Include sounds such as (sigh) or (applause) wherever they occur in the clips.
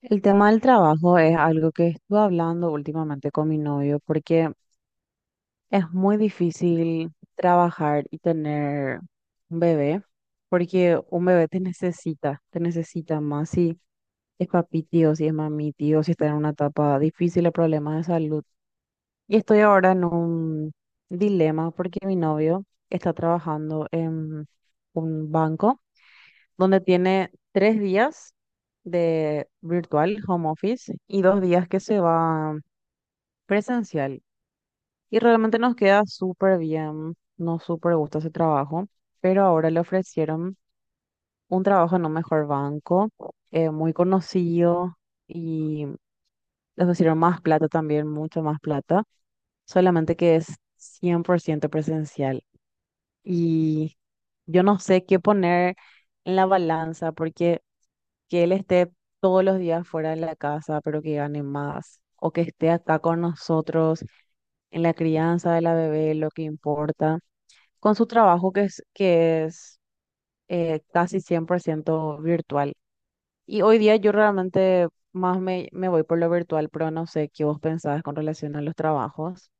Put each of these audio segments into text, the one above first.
El tema del trabajo es algo que estuve hablando últimamente con mi novio porque es muy difícil trabajar y tener un bebé, porque un bebé te necesita más si es papi tío, si es mami tío, si está en una etapa difícil de problemas de salud. Y estoy ahora en un dilema porque mi novio está trabajando en un banco donde tiene 3 días de virtual home office y 2 días que se va presencial. Y realmente nos queda súper bien, nos súper gusta ese trabajo, pero ahora le ofrecieron un trabajo en un mejor banco, muy conocido, y les ofrecieron más plata también, mucho más plata, solamente que es 100% presencial. Y yo no sé qué poner en la balanza porque que él esté todos los días fuera de la casa, pero que gane más, o que esté acá con nosotros en la crianza de la bebé, lo que importa, con su trabajo que es casi 100% virtual. Y hoy día yo realmente más me voy por lo virtual, pero no sé qué vos pensabas con relación a los trabajos.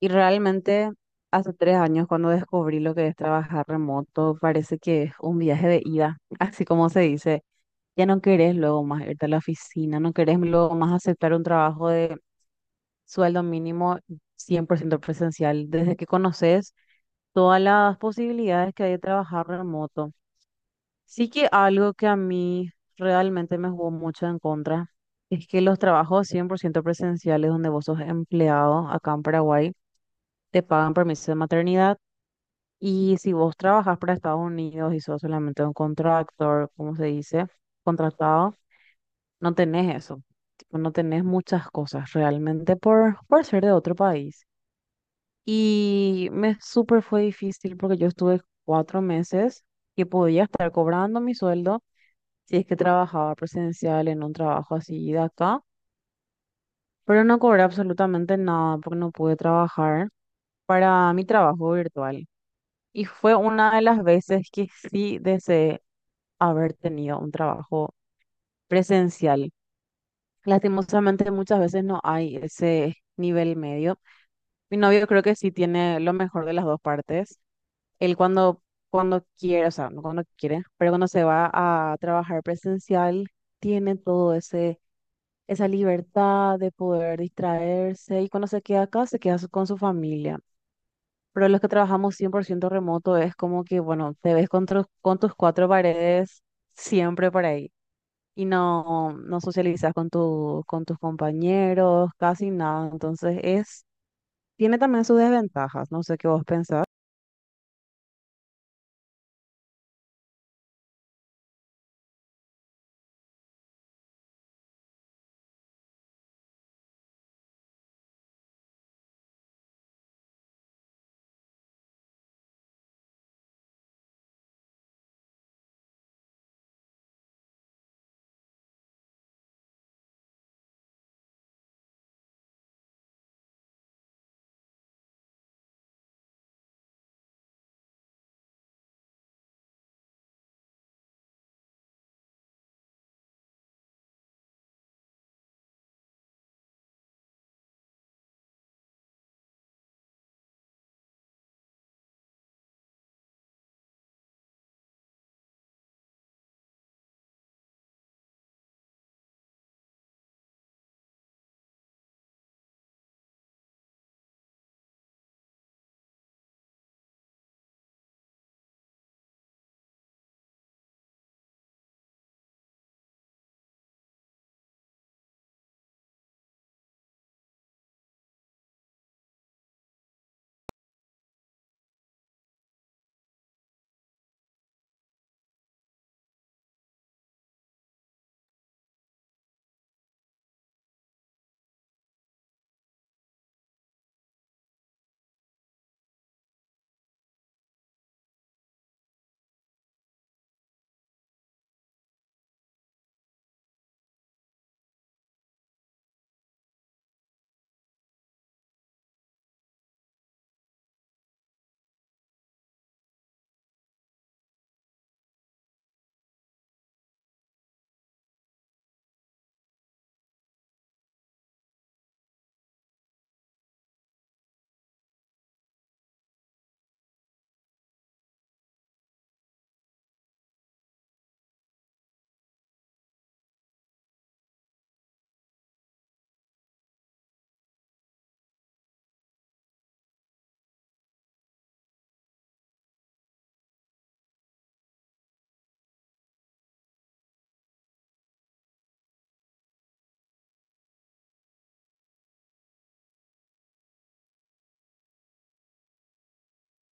Y realmente hace 3 años, cuando descubrí lo que es trabajar remoto, parece que es un viaje de ida, (laughs) así como se dice. Ya no querés luego más irte a la oficina, no querés luego más aceptar un trabajo de sueldo mínimo 100% presencial, desde que conoces todas las posibilidades que hay de trabajar remoto. Sí, que algo que a mí realmente me jugó mucho en contra es que los trabajos 100% presenciales donde vos sos empleado acá en Paraguay te pagan permiso de maternidad, y si vos trabajás para Estados Unidos y sos solamente un contractor, como se dice, contratado, no tenés eso. Tipo, no tenés muchas cosas realmente por ser de otro país. Y me súper fue difícil porque yo estuve 4 meses que podía estar cobrando mi sueldo si es que trabajaba presencial en un trabajo así de acá, pero no cobré absolutamente nada porque no pude trabajar para mi trabajo virtual. Y fue una de las veces que sí deseé haber tenido un trabajo presencial. Lastimosamente muchas veces no hay ese nivel medio. Mi novio creo que sí tiene lo mejor de las dos partes. Él cuando quiere, o sea, no cuando quiere, pero cuando se va a trabajar presencial, tiene todo esa libertad de poder distraerse, y cuando se queda acá, se queda con su familia. Pero los que trabajamos 100% remoto es como que, bueno, te ves con tus cuatro paredes siempre para ahí, y no, no socializas con con tus compañeros, casi nada. Entonces tiene también sus desventajas, no sé qué vos pensás.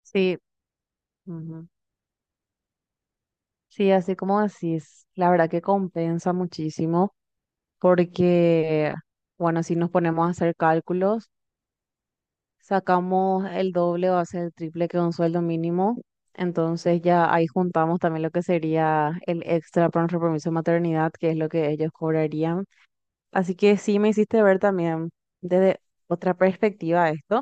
Sí. Ujú. Sí, así como decís, la verdad que compensa muchísimo porque, bueno, si nos ponemos a hacer cálculos, sacamos el doble o hace el triple que un sueldo mínimo, entonces ya ahí juntamos también lo que sería el extra por nuestro permiso de maternidad, que es lo que ellos cobrarían. Así que sí me hiciste ver también desde otra perspectiva esto.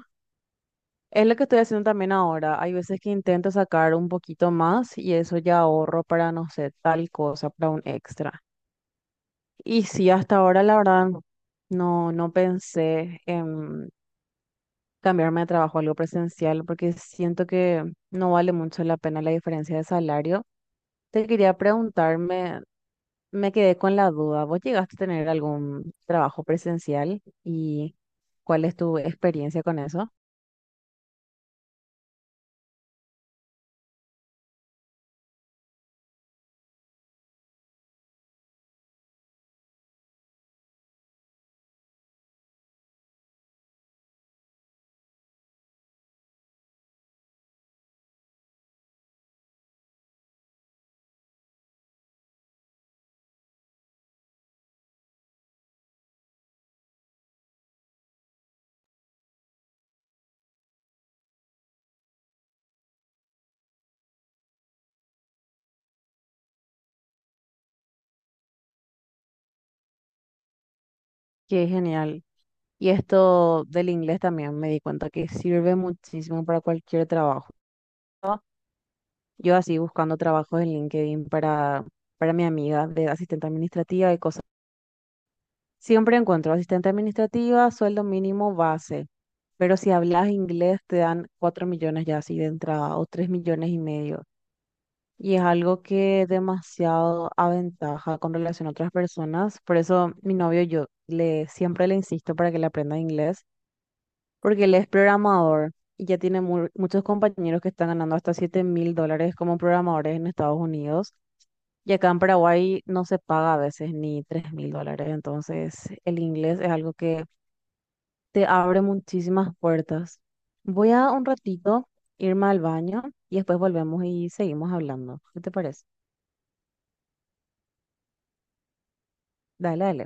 Es lo que estoy haciendo también ahora. Hay veces que intento sacar un poquito más y eso ya ahorro para, no sé, tal cosa, para un extra. Y sí, hasta ahora la verdad no, no pensé en cambiarme de trabajo a algo presencial porque siento que no vale mucho la pena la diferencia de salario. Te quería preguntarme. Me quedé con la duda. ¿Vos llegaste a tener algún trabajo presencial, y cuál es tu experiencia con eso? Qué genial. Y esto del inglés también me di cuenta que sirve muchísimo para cualquier trabajo. Yo así buscando trabajos en LinkedIn para mi amiga de asistente administrativa y cosas. Siempre encuentro asistente administrativa, sueldo mínimo base. Pero si hablas inglés te dan 4 millones ya así de entrada, o 3,5 millones. Y es algo que demasiado aventaja con relación a otras personas. Por eso mi novio, yo le siempre le insisto para que le aprenda inglés, porque él es programador y ya tiene muchos compañeros que están ganando hasta $7.000 como programadores en Estados Unidos. Y acá en Paraguay no se paga a veces ni $3.000. Entonces el inglés es algo que te abre muchísimas puertas. Voy a un ratito irme al baño y después volvemos y seguimos hablando, ¿qué te parece? Dale, dale.